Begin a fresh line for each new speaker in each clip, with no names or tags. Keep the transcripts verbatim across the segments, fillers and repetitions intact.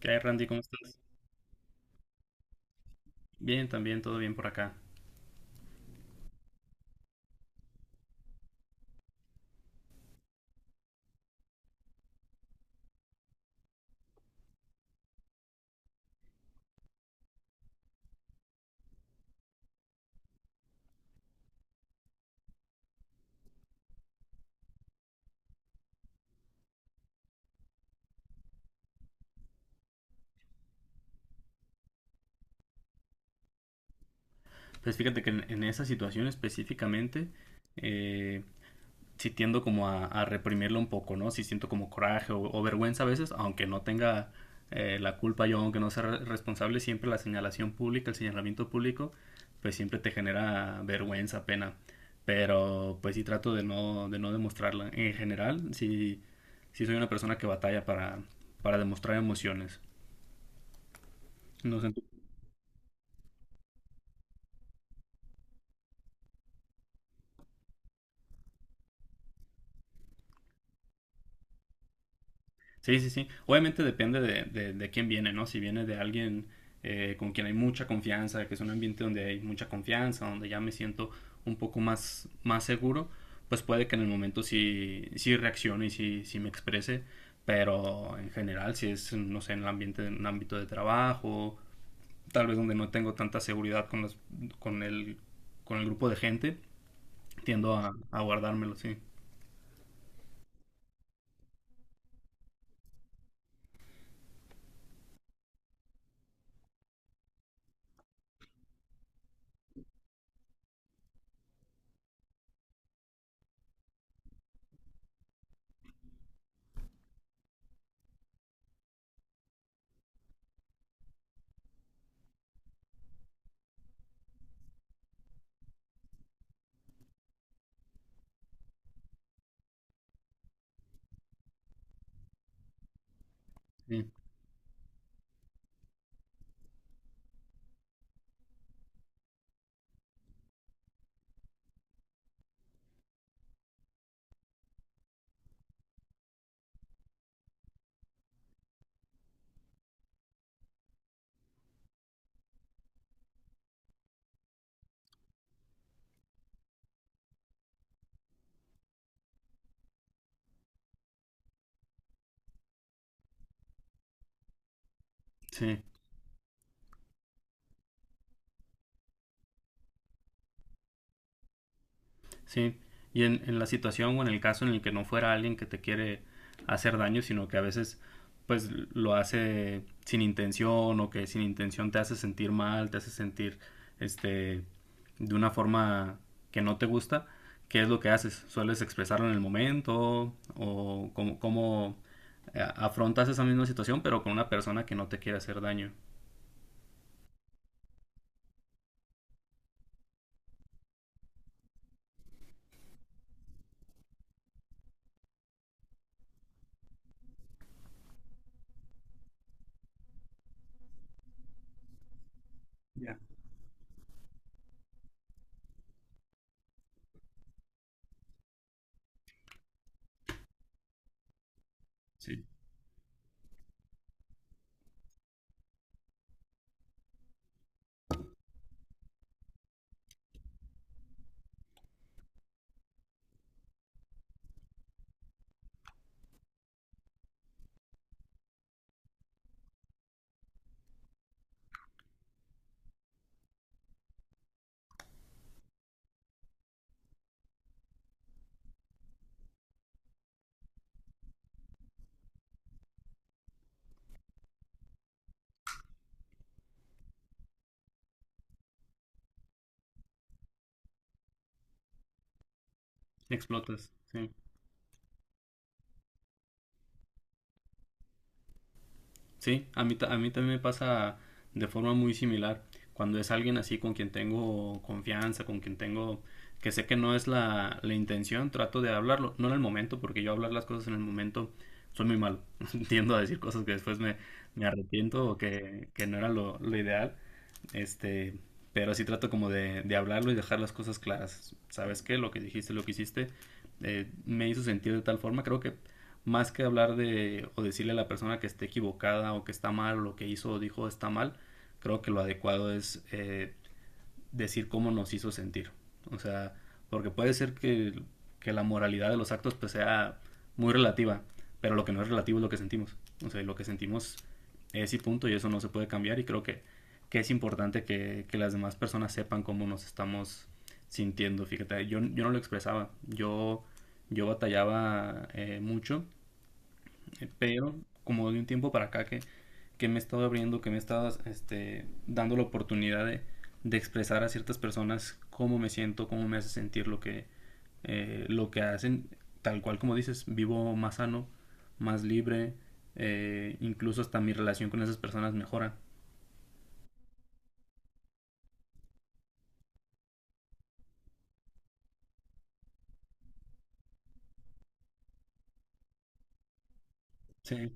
¿Qué hay, Randy? ¿Cómo estás? Bien, también, todo bien por acá. Pues fíjate que en, en esa situación específicamente, eh, sí tiendo como a, a reprimirlo un poco, ¿no? Sí siento como coraje o, o vergüenza a veces, aunque no tenga eh, la culpa yo, aunque no sea re- responsable, siempre la señalación pública, el señalamiento público, pues siempre te genera vergüenza, pena. Pero pues sí trato de no, de no demostrarla. En general, sí, sí soy una persona que batalla para, para demostrar emociones. Sí, sí, sí. Obviamente depende de, de- de quién viene, ¿no? Si viene de alguien eh, con quien hay mucha confianza, que es un ambiente donde hay mucha confianza, donde ya me siento un poco más, más seguro, pues puede que en el momento sí, sí reaccione y sí, sí me exprese, pero en general, si es, no sé, en el ambiente, en un ámbito de trabajo, tal vez donde no tengo tanta seguridad con los, con el, con el grupo de gente, tiendo a, a guardármelo, sí. Sí, sí. Sí, y en, en la situación o en el caso en el que no fuera alguien que te quiere hacer daño, sino que a veces pues lo hace sin intención o que sin intención te hace sentir mal, te hace sentir este de una forma que no te gusta, ¿qué es lo que haces? ¿Sueles expresarlo en el momento o cómo, cómo eh, afrontas esa misma situación pero con una persona que no te quiere hacer daño? Ya. Sí, explotas. Sí. Sí, a mí, ta- a mí también me pasa de forma muy similar. Cuando es alguien así con quien tengo confianza, con quien tengo que sé que no es la, la intención, trato de hablarlo, no en el momento, porque yo hablar las cosas en el momento soy muy malo. Tiendo a decir cosas que después me, me arrepiento o que, que no era lo, lo ideal. Este, pero sí trato como de, de hablarlo y dejar las cosas claras. ¿Sabes qué? Lo que dijiste, lo que hiciste, eh, me hizo sentir de tal forma. Creo que más que hablar de o decirle a la persona que esté equivocada o que está mal o lo que hizo o dijo está mal, creo que lo adecuado es eh, decir cómo nos hizo sentir. O sea, porque puede ser que, que la moralidad de los actos pues sea muy relativa, pero lo que no es relativo es lo que sentimos. O sea, lo que sentimos es y punto y eso no se puede cambiar y creo que, que es importante que, que las demás personas sepan cómo nos estamos sintiendo. Fíjate, yo, yo no lo expresaba, yo, yo batallaba eh, mucho eh, pero como de un tiempo para acá que, que me he estado abriendo, que me he estado este, dando la oportunidad de, de expresar a ciertas personas cómo me siento, cómo me hace sentir lo que, eh, lo que hacen. Tal cual como dices, vivo más sano, más libre, eh, incluso hasta mi relación con esas personas mejora. Sí.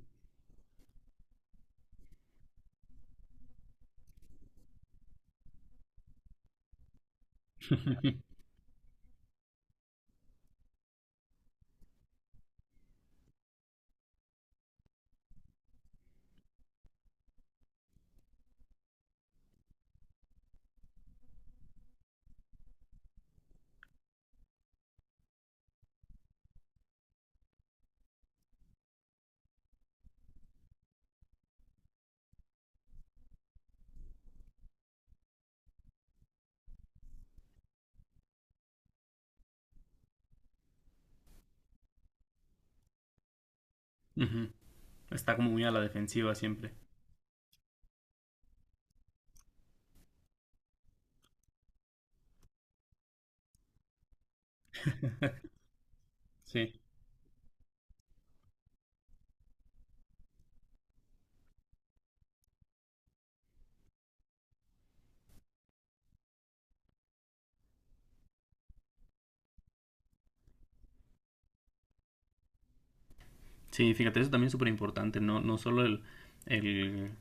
Ujú. Está como muy a la defensiva siempre. Sí. Sí, fíjate, eso también es súper importante, no, no solo el, el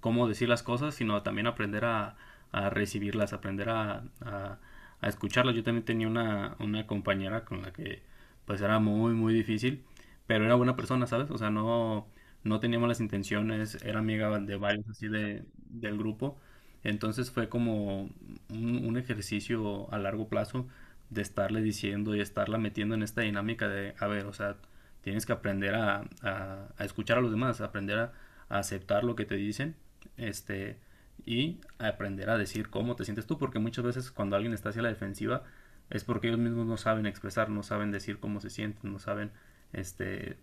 cómo decir las cosas, sino también aprender a, a recibirlas, aprender a, a, a escucharlas. Yo también tenía una, una compañera con la que pues era muy, muy difícil, pero era buena persona, ¿sabes? O sea, no, no tenía malas intenciones, era amiga de varios así de, del grupo. Entonces fue como un, un ejercicio a largo plazo de estarle diciendo y estarla metiendo en esta dinámica de, a ver, o sea, tienes que aprender a, a, a escuchar a los demás, aprender a, a aceptar lo que te dicen este, y aprender a decir cómo te sientes tú, porque muchas veces cuando alguien está hacia la defensiva es porque ellos mismos no saben expresar, no saben decir cómo se sienten, no saben este,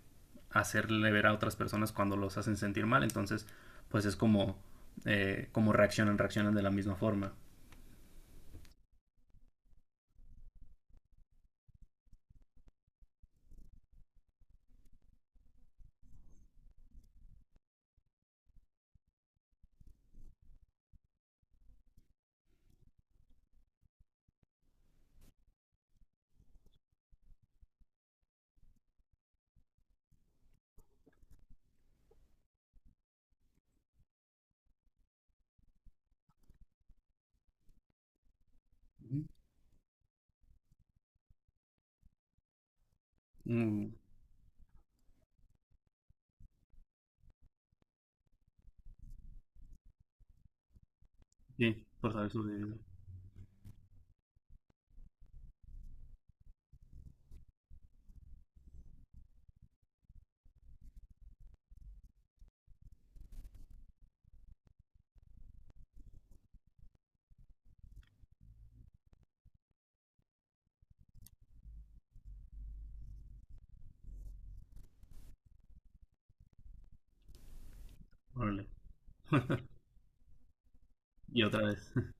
hacerle ver a otras personas cuando los hacen sentir mal, entonces pues es como, eh, como reaccionan, reaccionan de la misma forma. Ujú. Mm, sí, por saber sobrevivir. Órale. Y otra vez.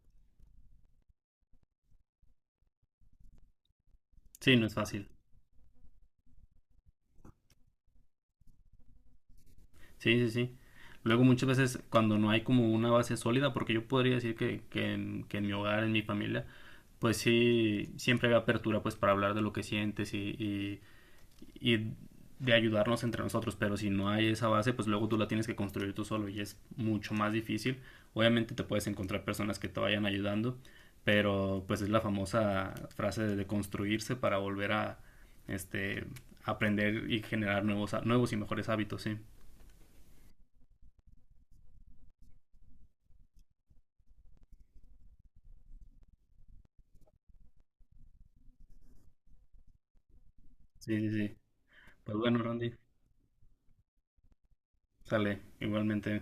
Sí, no es fácil. Sí, sí, sí. Luego muchas veces cuando no hay como una base sólida, porque yo podría decir que, que en, que en mi hogar, en mi familia, pues sí, siempre había apertura pues para hablar de lo que sientes y, y, y de ayudarnos entre nosotros, pero si no hay esa base, pues luego tú la tienes que construir tú solo y es mucho más difícil. Obviamente te puedes encontrar personas que te vayan ayudando, pero pues es la famosa frase de de construirse para volver a este aprender y generar nuevos ha- nuevos y mejores hábitos, sí. Sí, sí, sí. Pues bueno, Randy, sale igualmente.